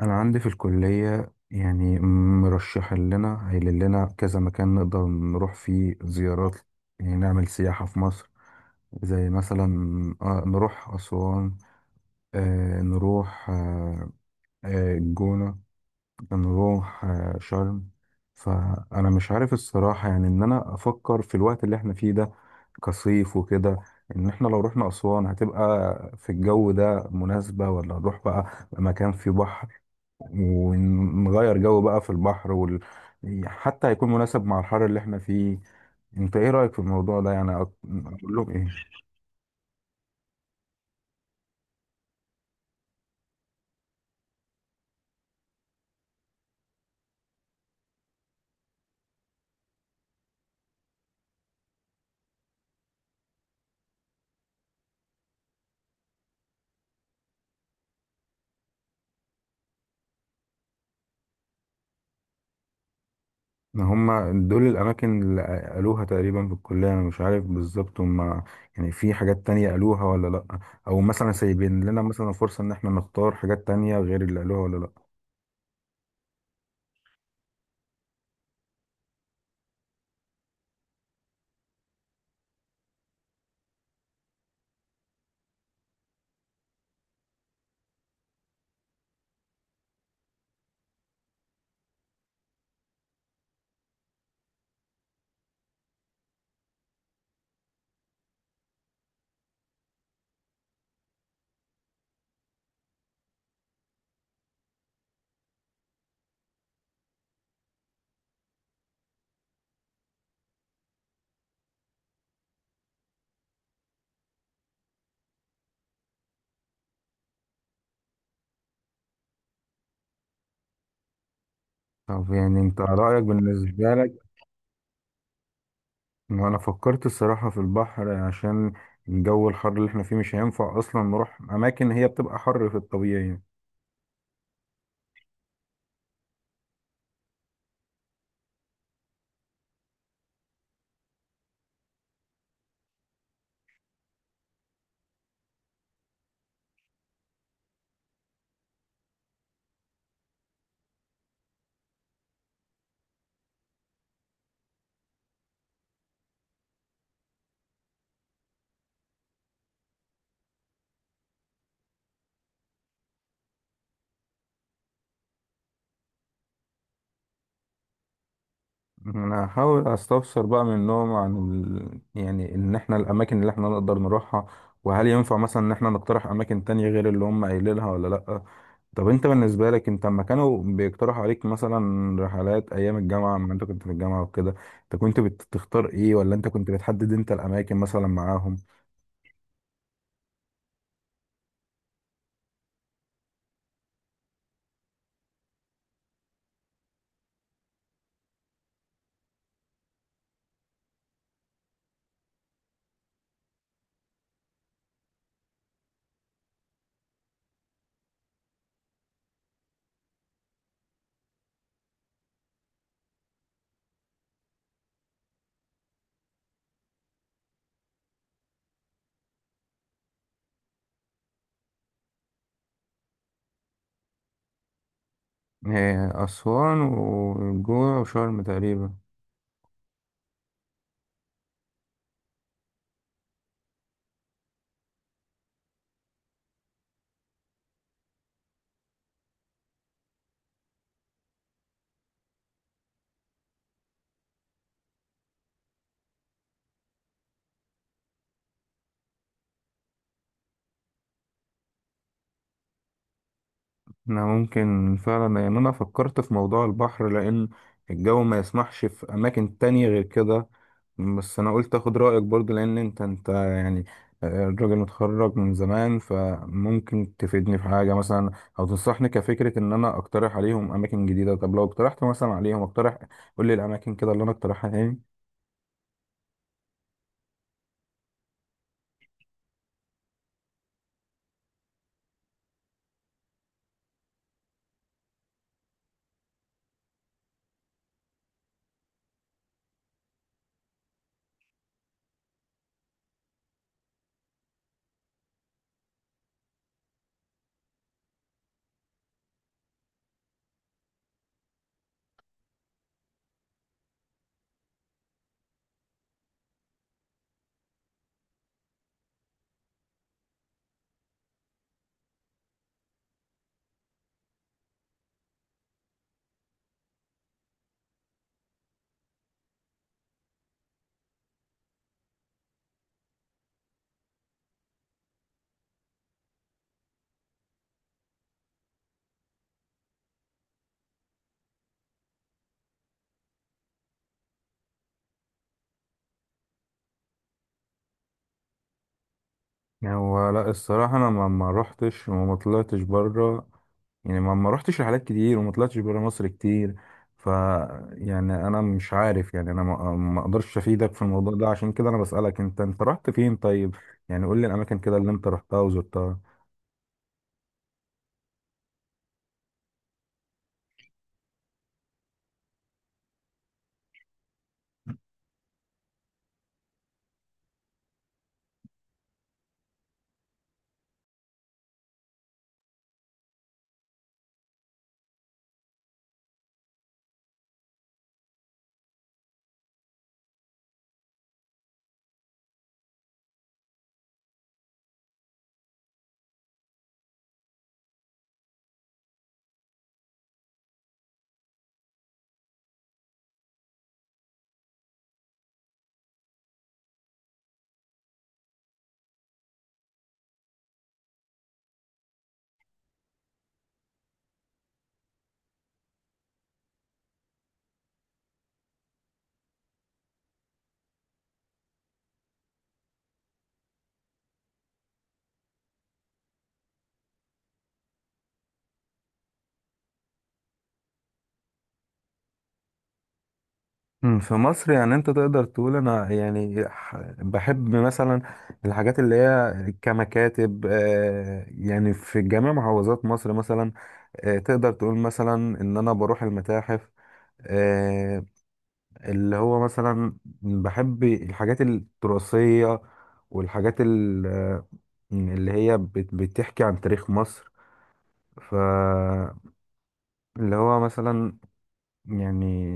انا عندي في الكليه، يعني مرشح لنا قايل لنا كذا مكان نقدر نروح فيه زيارات، يعني نعمل سياحه في مصر. زي مثلا نروح اسوان، آه، نروح آه، آه، الجونه، نروح شرم. فانا مش عارف الصراحه، يعني ان انا افكر في الوقت اللي احنا فيه ده كصيف وكده، ان احنا لو رحنا اسوان هتبقى في الجو ده مناسبه، ولا نروح بقى مكان فيه بحر ونغير جو بقى في البحر وال... حتى هيكون مناسب مع الحر اللي احنا فيه. انت ايه رأيك في الموضوع ده؟ يعني اقول لهم ايه؟ ان هما دول الاماكن اللي قالوها تقريبا في الكلية، انا مش عارف بالظبط هما يعني في حاجات تانية قالوها ولا لا، او مثلا سايبين لنا مثلا فرصة ان احنا نختار حاجات تانية غير اللي قالوها ولا لا. طب يعني انت رأيك بالنسبة لك؟ ما انا فكرت الصراحة في البحر، عشان الجو الحر اللي احنا فيه مش هينفع اصلا نروح اماكن هي بتبقى حر في الطبيعي. انا هحاول استفسر بقى منهم عن ال... يعني ان احنا الاماكن اللي احنا نقدر نروحها، وهل ينفع مثلا ان احنا نقترح اماكن تانية غير اللي هم قايلينها ولا لا. طب انت بالنسبة لك، انت لما كانوا بيقترحوا عليك مثلا رحلات ايام الجامعة لما انت كنت في الجامعة وكده، انت كنت بتختار ايه، ولا انت كنت بتحدد انت الاماكن مثلا معاهم؟ إيه، اسوان والجونة وشرم تقريبا. انا ممكن فعلا، يعني انا فكرت في موضوع البحر لان الجو ما يسمحش في اماكن تانية غير كده. بس انا قلت اخد رايك برضو، لان انت يعني الراجل متخرج من زمان، فممكن تفيدني في حاجه مثلا او تنصحني كفكره ان انا اقترح عليهم اماكن جديده. طب لو اقترحت مثلا عليهم، اقترح قول لي الاماكن كده اللي انا اقترحها تاني. يعني هو لا الصراحه انا ما روحتش وما طلعتش بره، يعني ما رحتش رحلات كتير وما طلعتش بره مصر كتير. ف يعني انا مش عارف، يعني انا ما اقدرش افيدك في الموضوع ده. عشان كده انا بسألك، انت رحت فين؟ طيب، يعني قول لي الاماكن كده اللي انت رحتها وزرتها. في مصر، يعني انت تقدر تقول انا يعني بحب مثلا الحاجات اللي هي كمكاتب، يعني في جميع محافظات مصر مثلا. تقدر تقول مثلا ان انا بروح المتاحف، آه، اللي هو مثلا بحب الحاجات التراثية والحاجات اللي هي بتحكي عن تاريخ مصر. فاللي هو مثلا يعني.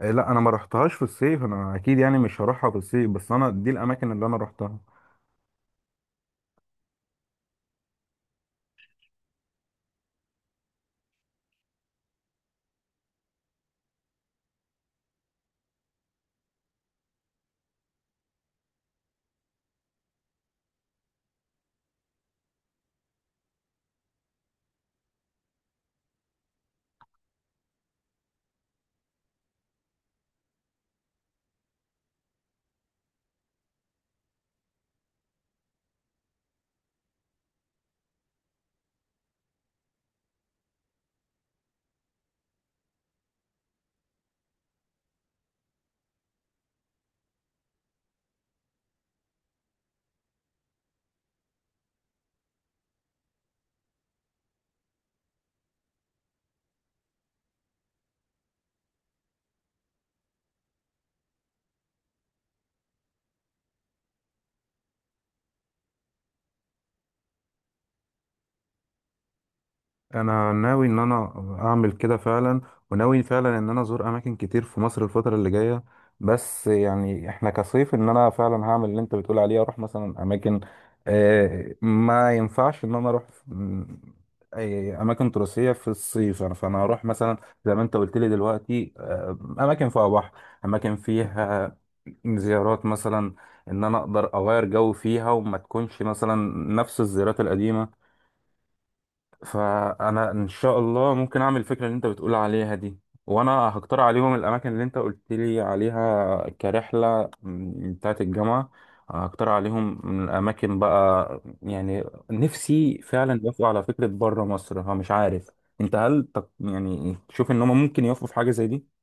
لا انا ما رحتهاش في الصيف، انا اكيد يعني مش هروحها في الصيف، بس انا دي الاماكن اللي انا رحتها. انا ناوي ان انا اعمل كده فعلا، وناوي فعلا ان انا ازور اماكن كتير في مصر الفتره اللي جايه. بس يعني احنا كصيف، ان انا فعلا هعمل اللي انت بتقول عليه، اروح مثلا اماكن ما ينفعش ان انا اروح أي اماكن تراثيه في الصيف. يعني فانا هروح مثلا زي ما انت قلت لي دلوقتي اماكن فيها بحر، اماكن فيها زيارات مثلا ان انا اقدر اغير جو فيها، وما تكونش مثلا نفس الزيارات القديمه. فانا ان شاء الله ممكن اعمل الفكره اللي انت بتقول عليها دي، وانا هقترح عليهم الاماكن اللي انت قلت لي عليها كرحله بتاعه الجامعه. هقترح عليهم من الاماكن بقى، يعني نفسي فعلا يوافقوا على فكره بره مصر. فمش عارف انت هل يعني تشوف ان هم ممكن يوافقوا في حاجه زي دي؟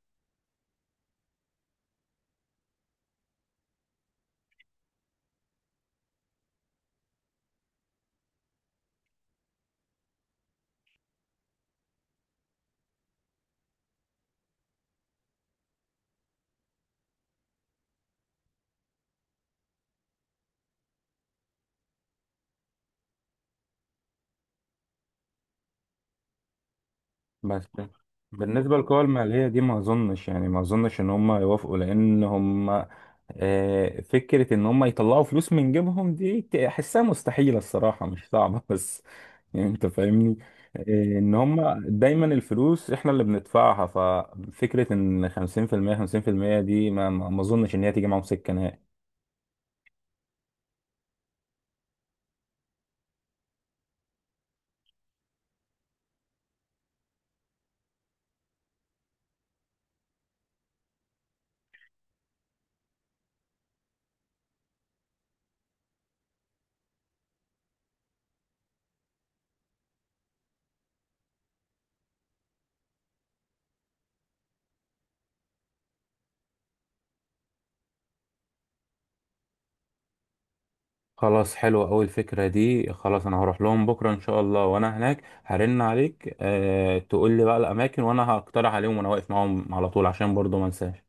بس بالنسبة للقوى المالية دي ما أظنش، يعني ما أظنش إن هم يوافقوا، لأن هم فكرة إن هم يطلعوا فلوس من جيبهم دي أحسها مستحيلة الصراحة، مش صعبة بس يعني أنت فاهمني. آه، إن هم دايما الفلوس إحنا اللي بندفعها. ففكرة إن 50% 50% دي ما أظنش إن هي تيجي معاهم سكة نهائي. خلاص، حلوة أوي الفكرة دي. خلاص، أنا هروح لهم بكرة إن شاء الله، وأنا هناك هرن عليك. أه، تقول لي بقى الأماكن وأنا هقترح عليهم، وأنا واقف معاهم على طول، عشان برضو ما انساش.